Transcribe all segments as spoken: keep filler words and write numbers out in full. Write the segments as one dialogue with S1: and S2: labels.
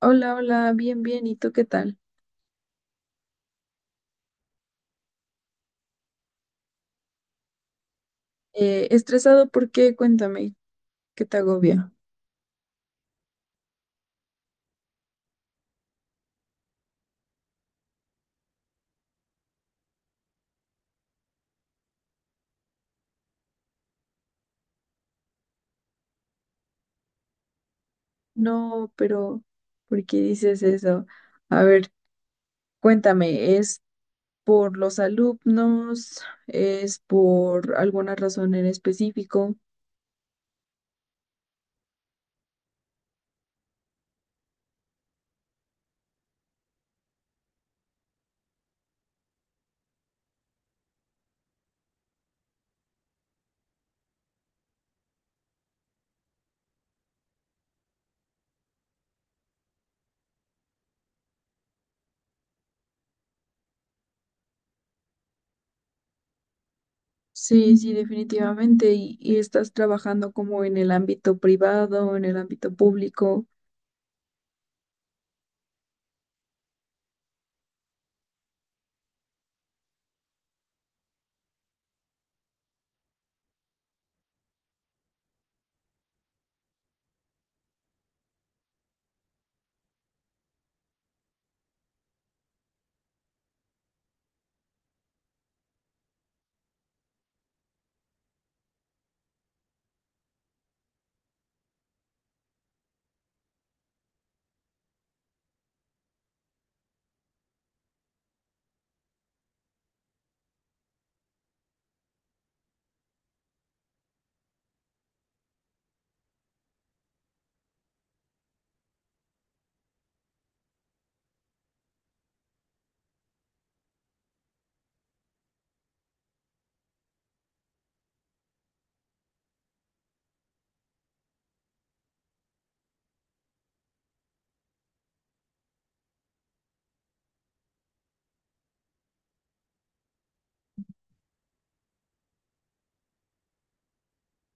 S1: Hola, hola, bien, bien. ¿Y tú qué tal? Eh, ¿estresado por qué? Cuéntame, ¿qué te agobia? No, pero ¿por qué dices eso? A ver, cuéntame, ¿es por los alumnos? ¿Es por alguna razón en específico? Sí, sí, definitivamente. ¿Y, y ¿estás trabajando como en el ámbito privado, en el ámbito público?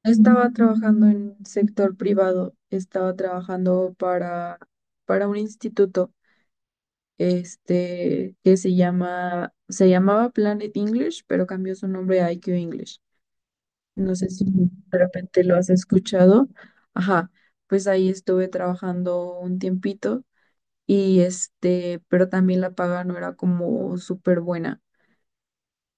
S1: Estaba trabajando en sector privado, estaba trabajando para, para un instituto. Este, que se llama, se llamaba Planet English, pero cambió su nombre a I Q English. No sé si de repente lo has escuchado. Ajá, pues ahí estuve trabajando un tiempito y este, pero también la paga no era como súper buena.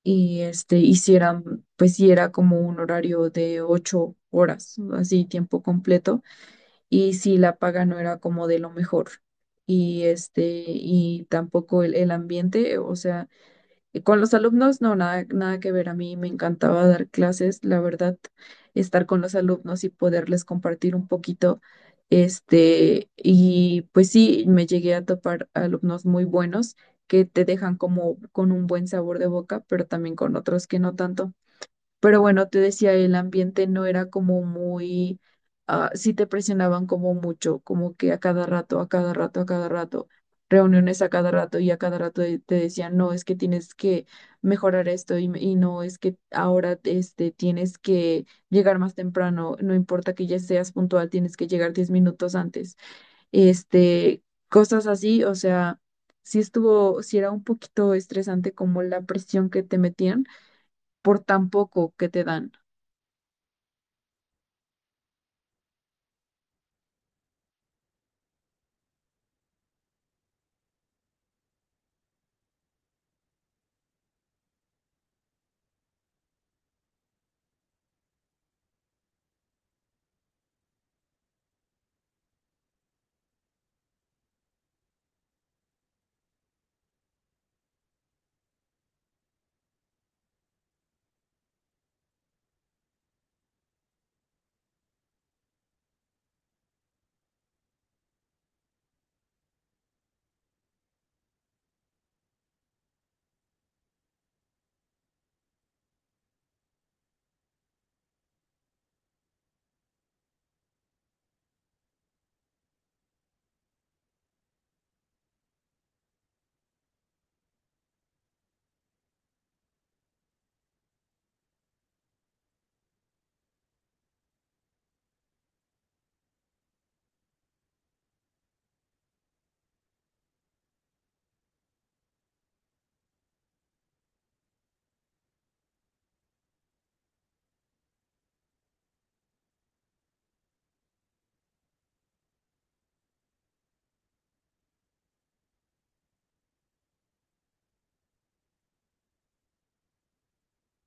S1: Y este, hicieran, pues sí era como un horario de ocho horas, así tiempo completo. Y sí, la paga no era como de lo mejor. Y este, y tampoco el el ambiente, o sea, y con los alumnos, no, nada, nada que ver. A mí me encantaba dar clases, la verdad, estar con los alumnos y poderles compartir un poquito. Este, y pues sí, me llegué a topar alumnos muy buenos que te dejan como con un buen sabor de boca, pero también con otros que no tanto. Pero bueno, te decía, el ambiente no era como muy, ah, sí te presionaban como mucho, como que a cada rato, a cada rato, a cada rato, reuniones a cada rato y a cada rato de- te decían, no, es que tienes que mejorar esto y, y no, es que ahora este, tienes que llegar más temprano, no importa que ya seas puntual, tienes que llegar diez minutos antes. Este, Cosas así, o sea, sí estuvo, sí era un poquito estresante como la presión que te metían por tan poco que te dan.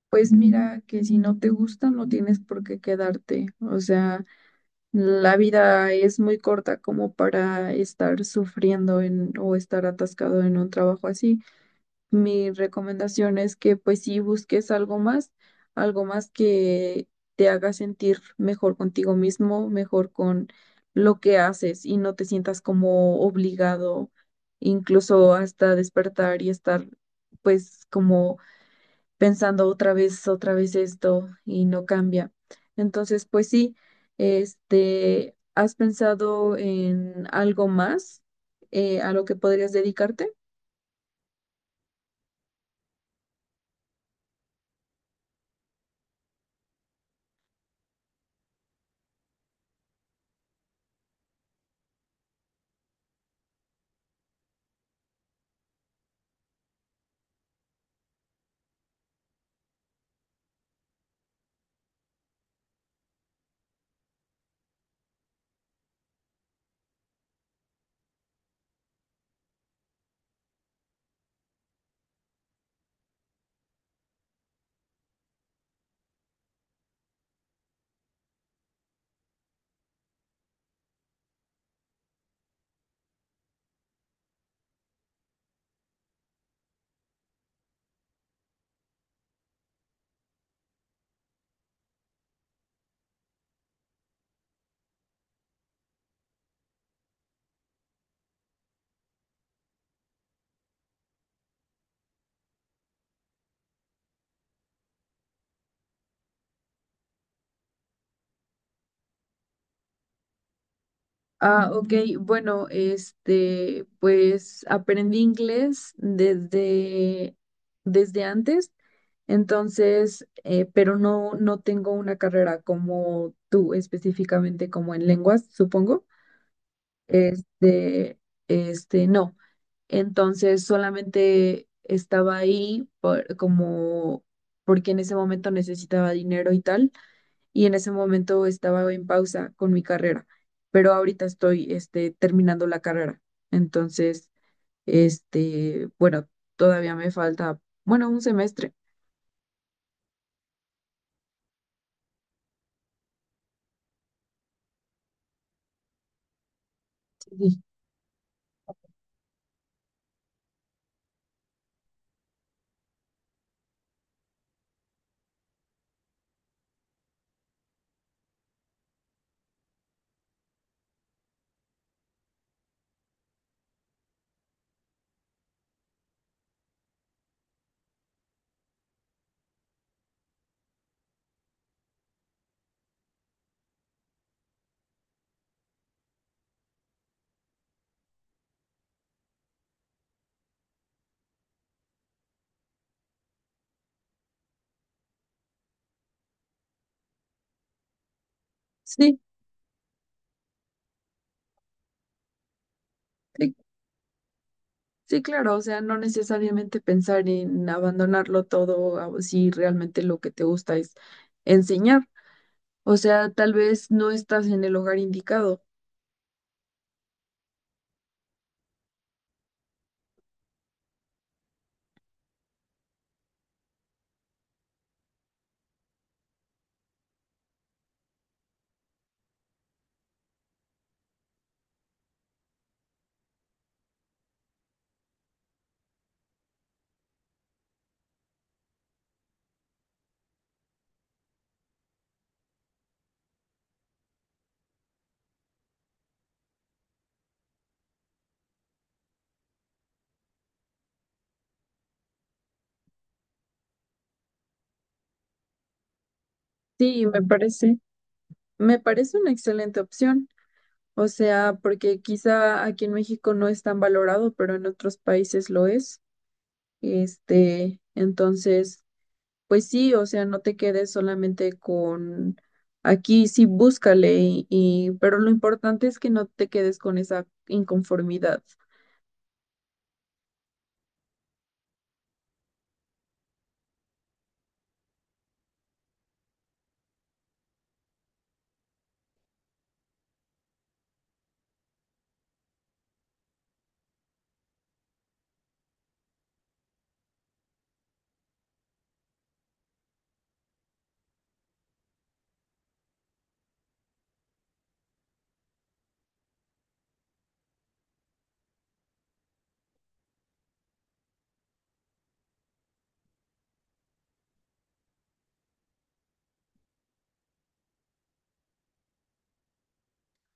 S1: Pues mira, que si no te gusta, no tienes por qué quedarte. O sea, la vida es muy corta como para estar sufriendo en, o estar atascado en un trabajo así. Mi recomendación es que pues sí busques algo más, algo más que te haga sentir mejor contigo mismo, mejor con lo que haces y no te sientas como obligado, incluso hasta despertar y estar pues como pensando otra vez, otra vez esto y no cambia. Entonces, pues sí, este, ¿has pensado en algo más eh, a lo que podrías dedicarte? Ah, ok, bueno, este, pues aprendí inglés desde, desde antes, entonces, eh, pero no, no tengo una carrera como tú específicamente, como en lenguas, supongo. Este, este, no. Entonces solamente estaba ahí por- como porque en ese momento necesitaba dinero y tal, y en ese momento estaba en pausa con mi carrera, pero ahorita estoy este, terminando la carrera. Entonces, este, bueno, todavía me falta, bueno, un semestre. Sí, sí, sí, sí, claro, o sea, no necesariamente pensar en abandonarlo todo, a- si realmente lo que te gusta es enseñar. O sea, tal vez no estás en el hogar indicado. Sí, me parece, me parece una excelente opción. O sea, porque quizá aquí en México no es tan valorado, pero en otros países lo es. Este, entonces, pues sí, o sea, no te quedes solamente con aquí, sí, búscale y, y- pero lo importante es que no te quedes con esa inconformidad.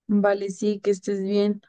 S1: Vale, sí, que estés bien.